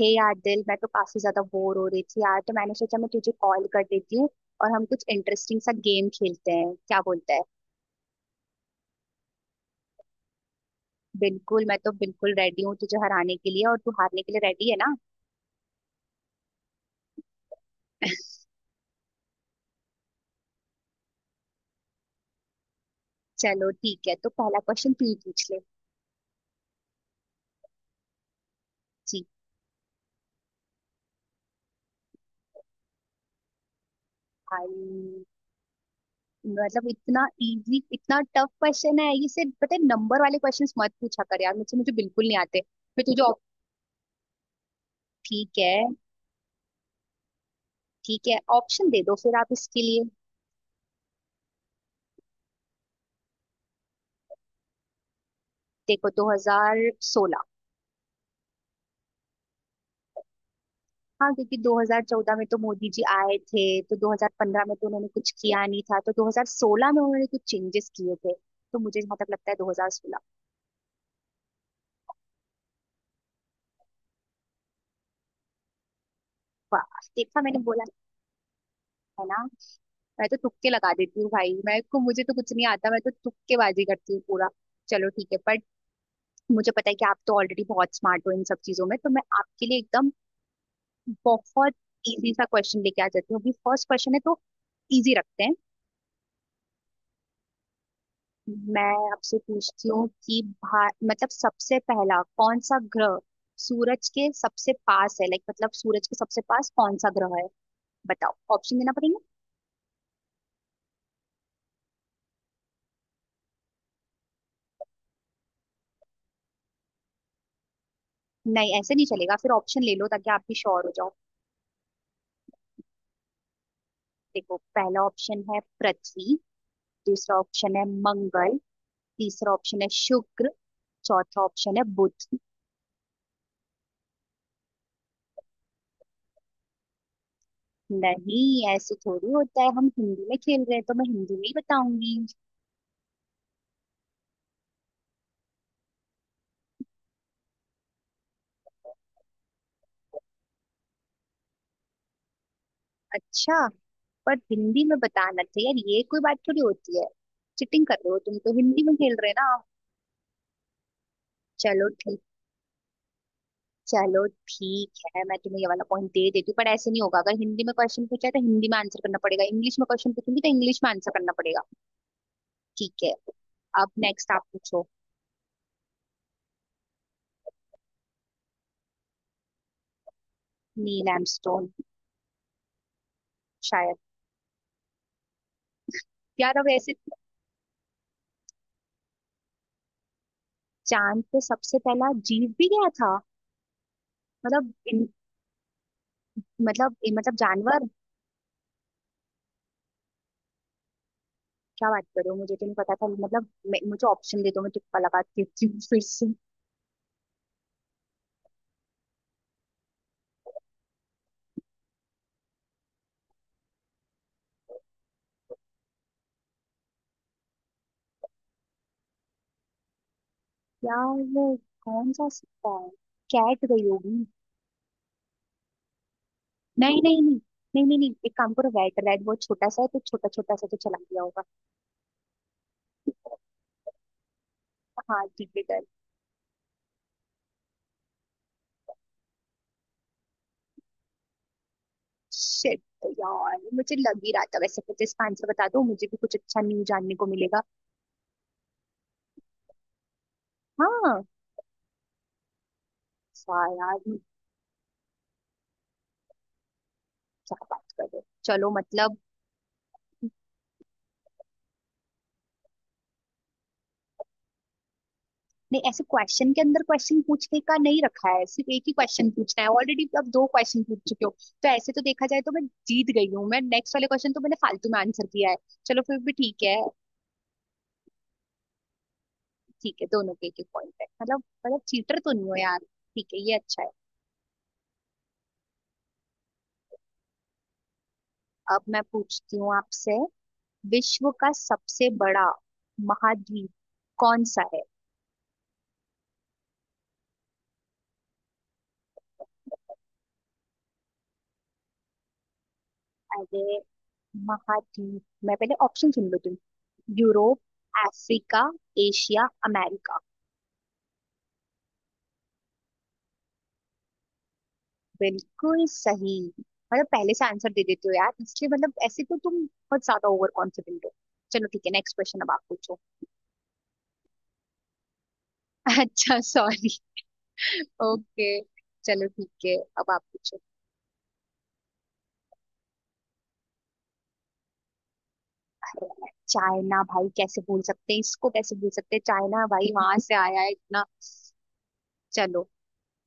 हे यार, दिल मैं तो काफी ज्यादा बोर हो रही थी यार, तो मैंने सोचा मैं तुझे कॉल कर देती हूँ। और हम कुछ इंटरेस्टिंग सा गेम खेलते हैं, क्या बोलता है। बिल्कुल, मैं तो बिल्कुल रेडी हूँ तुझे हराने के लिए, और तू हारने के लिए रेडी है ना। चलो ठीक है, तो पहला क्वेश्चन तू ही पूछ ले। जी। भाई, मतलब इतना इजी इतना टफ क्वेश्चन है ये, सिर्फ पता है नंबर वाले क्वेश्चंस मत पूछा कर यार, मुझे मुझे बिल्कुल नहीं आते। मैं तुझे op- ठीक है। ठीक है, ऑप्शन दे दो फिर आप इसके लिए। देखो, 2016। हाँ, क्योंकि 2014 में तो मोदी जी आए थे, तो 2015 में तो उन्होंने कुछ किया नहीं था, तो 2016 में उन्होंने कुछ चेंजेस किए थे। तो मुझे जहाँ तक लगता है 2016। वाह, देखा, मैंने बोला है ना। मैं तो तुक्के लगा देती हूँ भाई, मैं को मुझे तो कुछ नहीं आता, मैं तो तुक्केबाजी करती हूँ पूरा। चलो ठीक है, बट मुझे पता है कि आप तो ऑलरेडी बहुत स्मार्ट हो इन सब चीजों में, तो मैं आपके लिए एकदम बहुत इजी सा क्वेश्चन लेके आ जाती हूँ। अभी फर्स्ट क्वेश्चन है तो इजी रखते हैं। मैं आपसे पूछती हूँ कि भा मतलब सबसे पहला कौन सा ग्रह सूरज के सबसे पास है, लाइक मतलब सूरज के सबसे पास कौन सा ग्रह है। बताओ, ऑप्शन देना पड़ेगा। नहीं, ऐसे नहीं चलेगा, फिर ऑप्शन ले लो ताकि आप भी श्योर हो जाओ। देखो, पहला ऑप्शन है पृथ्वी, दूसरा ऑप्शन है मंगल, तीसरा ऑप्शन है शुक्र, चौथा ऑप्शन है बुध। नहीं, ऐसे थोड़ी होता है, हम हिंदी में खेल रहे हैं तो मैं हिंदी में ही बताऊंगी। अच्छा, पर हिंदी में बताना चाहिए यार, ये कोई बात थोड़ी होती है। चिटिंग कर रहे हो तुम, तो हिंदी में खेल रहे हो ना। चलो ठीक चलो ठीक है, मैं तुम्हें ये वाला पॉइंट दे देती हूँ, पर ऐसे नहीं होगा। अगर हिंदी में क्वेश्चन पूछा है तो हिंदी में आंसर करना पड़ेगा, इंग्लिश में क्वेश्चन पूछूंगी तो इंग्लिश में आंसर करना पड़ेगा। ठीक है, अब नेक्स्ट आप पूछो। Neil Armstrong. शायद। यार अब ऐसे। चांद पे सबसे पहला जीव भी गया था? मतलब मतलब जानवर? क्या बात कर रहे हो, मुझे तो नहीं पता था, मतलब मुझे ऑप्शन दे दो, मैं तुक्का लगा देती हूँ फिर से। यार वो कौन सा सिक्का है। कैट गई होगी। नहीं, नहीं, नहीं, नहीं, नहीं, नहीं, एक काम करो, रेड रेड वो छोटा सा है, तो छोटा छोटा सा तो चला गया होगा। हाँ, ठीक है, कर। शिट, यार मुझे लग ही रहा था। वैसे मुझे इसका आंसर बता दो, मुझे भी कुछ अच्छा न्यू जानने को मिलेगा। हाँ। सारा यार। क्या बात कर रहे हो, चलो मतलब। नहीं, ऐसे क्वेश्चन के अंदर क्वेश्चन पूछने का नहीं रखा है, सिर्फ एक ही क्वेश्चन पूछना है, ऑलरेडी अब दो क्वेश्चन पूछ चुके हो। तो ऐसे तो देखा जाए तो मैं जीत गई हूँ, मैं नेक्स्ट वाले क्वेश्चन तो मैंने फालतू में आंसर दिया है। चलो, फिर भी ठीक है। ठीक है, दोनों के एक एक पॉइंट है मतलब, चीटर तो नहीं हो यार। ठीक है, ये अच्छा है। अब मैं पूछती हूँ आपसे, विश्व का सबसे बड़ा महाद्वीप कौन सा है। अरे, महाद्वीप। मैं पहले ऑप्शन सुन लो तुम। Europe, Africa, Asia, America. बिल्कुल सही। मतलब पहले से आंसर दे देते हो यार, इसलिए मतलब ऐसे तो तुम बहुत ज्यादा ओवर कॉन्फिडेंट हो। चलो ठीक है, नेक्स्ट क्वेश्चन अब आप पूछो। अच्छा, सॉरी। ओके, चलो ठीक है, अब आप पूछो। अरे, चाइना भाई, कैसे भूल सकते हैं इसको, कैसे भूल सकते हैं। चाइना भाई वहां से आया है इतना। चलो,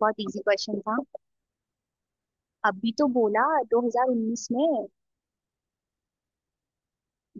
बहुत इजी क्वेश्चन था। अभी तो बोला, 2019 में।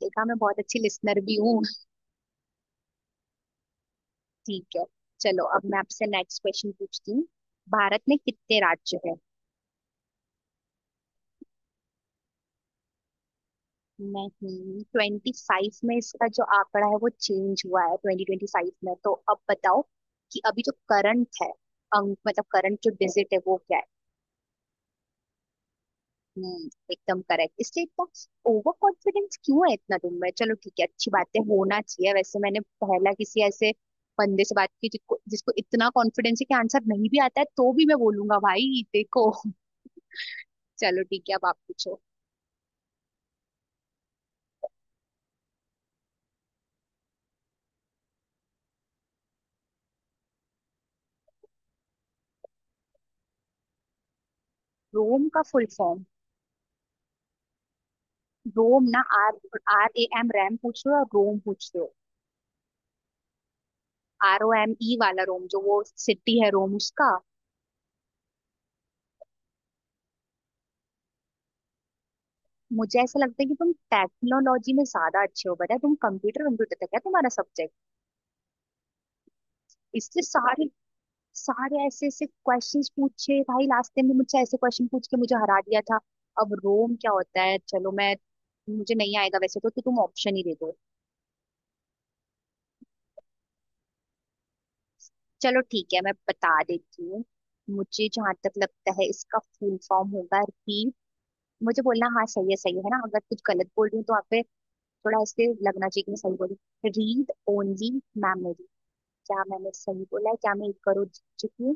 देखा, मैं बहुत अच्छी लिसनर भी हूँ। ठीक है, चलो अब मैं आपसे नेक्स्ट क्वेश्चन पूछती हूँ। भारत में कितने राज्य है। नहीं, 25 में इसका जो आंकड़ा है वो चेंज हुआ है, 2025 में, तो अब बताओ कि अभी जो करंट है अंक, मतलब करंट जो डिजिट है वो क्या है। हम्म, एकदम करेक्ट। इसलिए इतना ओवर कॉन्फिडेंस क्यों है इतना तुम में, चलो ठीक है, अच्छी बातें होना चाहिए। वैसे मैंने पहला किसी ऐसे बंदे से बात की जिसको जिसको इतना कॉन्फिडेंस है कि आंसर नहीं भी आता है तो भी मैं बोलूंगा भाई देखो। चलो ठीक है, अब आप पूछो। रोम का फुल फॉर्म? रोम ना, आर RAM रैम पूछ रहे हो और रोम पूछ रहे हो। Rome वाला रोम, जो वो सिटी है, रोम, उसका। मुझे ऐसा लगता है कि तुम टेक्नोलॉजी में ज्यादा अच्छे हो, बताया तुम। कंप्यूटर, कंप्यूटर तक है तुम्हारा सब्जेक्ट। इससे सारे सारे ऐसे ऐसे क्वेश्चंस पूछे भाई, लास्ट टाइम भी मुझसे ऐसे क्वेश्चन पूछ के मुझे हरा दिया था। अब रोम क्या होता है। चलो, मैं मुझे नहीं आएगा वैसे, तो तुम ऑप्शन ही दे दो। चलो ठीक है, मैं बता देती हूँ। मुझे जहां तक लगता है इसका फुल फॉर्म होगा री, मुझे बोलना हाँ सही है, सही है ना, अगर कुछ गलत बोल रही हूँ तो आप पे थोड़ा इससे लगना चाहिए कि मैं सही बोली। Read only memory. क्या मैंने सही बोला है? क्या मैं एक करोड़ जीत चुकी हूँ?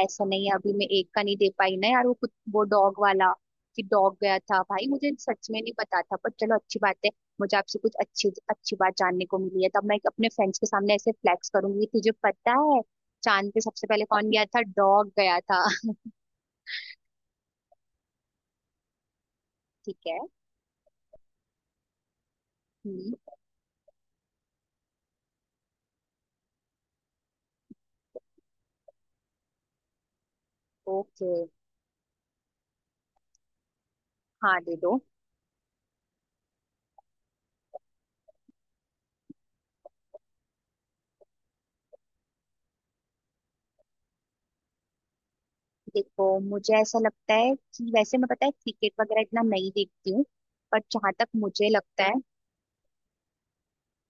ऐसा नहीं है, अभी मैं एक का नहीं दे पाई ना यार, वो कुछ वो डॉग वाला, कि डॉग गया था, भाई मुझे सच में नहीं पता था, पर चलो अच्छी बात है। मुझे आपसे कुछ अच्छी अच्छी बात जानने को मिली है, तब मैं अपने फ्रेंड्स के सामने ऐसे फ्लैक्स करूंगी कि तुझे पता है चांद पे सबसे पहले कौन गया था। डॉग गया था। ठीक है। ओके। हाँ, दे दो। देखो, मुझे ऐसा लगता है कि, वैसे मैं पता है क्रिकेट वगैरह इतना नहीं देखती हूँ, पर जहां तक मुझे लगता है।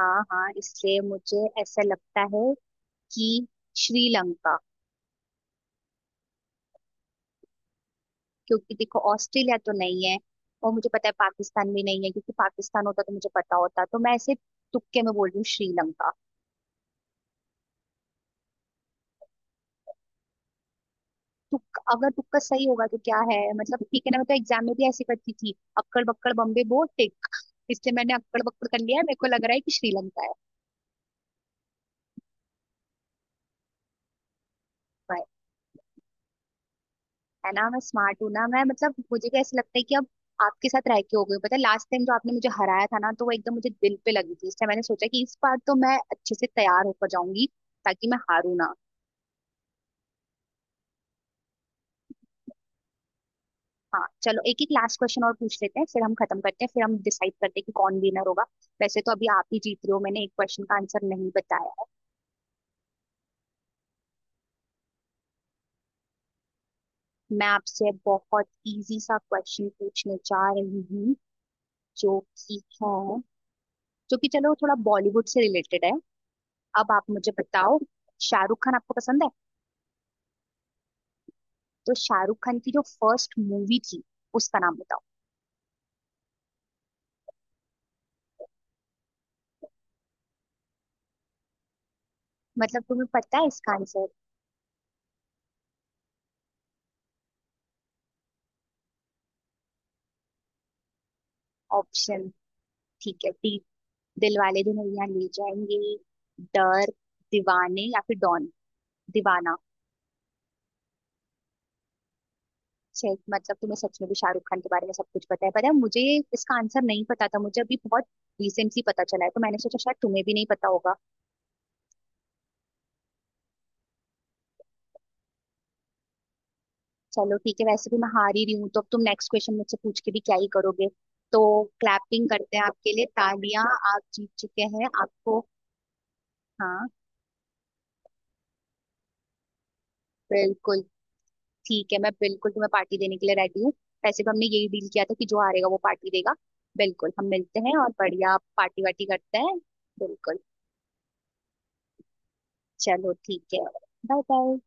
हाँ, हाँ, इसलिए मुझे ऐसा लगता है कि श्रीलंका। क्योंकि देखो, ऑस्ट्रेलिया तो नहीं है, और मुझे पता है पाकिस्तान भी नहीं है, क्योंकि पाकिस्तान होता तो मुझे पता होता, तो मैं ऐसे तुक्के में बोल रही हूँ श्रीलंका। तुक्का, अगर तुक्का सही होगा तो क्या है, मतलब ठीक है ना, मैं तो एग्जाम में भी ऐसे करती थी, अक्कड़ बक्कड़ बम्बे बो टिक। इसलिए मैंने अक्कड़ बक्कड़ कर लिया है, मेरे को लग रहा है कि श्रीलंका है। है ना, मैं स्मार्ट हूँ ना, मैं मतलब मुझे क्या ऐसा लगता है कि अब आपके साथ रह के हो गई हूँ। पता है, लास्ट टाइम जो आपने मुझे हराया था ना, तो वो एकदम मुझे दिल पे लगी थी, इसलिए मैंने सोचा कि इस बार तो मैं अच्छे से तैयार होकर जाऊंगी, ताकि मैं हारू ना। हाँ, चलो एक एक लास्ट क्वेश्चन और पूछ लेते हैं, फिर हम खत्म करते हैं, फिर हम डिसाइड करते हैं कि कौन विनर होगा। वैसे तो अभी आप ही जीत रहे हो, मैंने एक क्वेश्चन का आंसर नहीं बताया है। मैं आपसे बहुत इजी सा क्वेश्चन पूछने जा रही हूँ, जो कि है जो कि चलो थोड़ा बॉलीवुड से रिलेटेड है। अब आप मुझे बताओ, शाहरुख खान आपको पसंद है। तो शाहरुख खान की जो फर्स्ट मूवी थी, उसका नाम बताओ। मतलब तुम्हें पता है इसका आंसर। ऑप्शन, ठीक है, डी: दिल वाले दुल्हनिया ले जाएंगे, डर, दीवाने, या फिर डॉन, दीवाना। छे, मतलब तुम्हें सच में भी शाहरुख खान के बारे में सब कुछ पता है। पता है, मुझे इसका आंसर नहीं पता था, मुझे अभी बहुत रिसेंटली पता चला है, तो मैंने सोचा शायद तुम्हें भी नहीं पता होगा। चलो ठीक है, वैसे भी मैं हार ही रही हूँ, तो अब तुम नेक्स्ट क्वेश्चन मुझसे पूछ के भी क्या ही करोगे। तो क्लैपिंग करते हैं आपके लिए, तालियां। आप जीत चुके हैं, आपको। हाँ। बिल्कुल। ठीक है, मैं बिल्कुल तुम्हें पार्टी देने के लिए रेडी हूँ। वैसे भी हमने यही डील किया था कि जो हारेगा वो पार्टी देगा। बिल्कुल, हम मिलते हैं और बढ़िया पार्टी वार्टी करते हैं। बिल्कुल। चलो ठीक है, बाय बाय।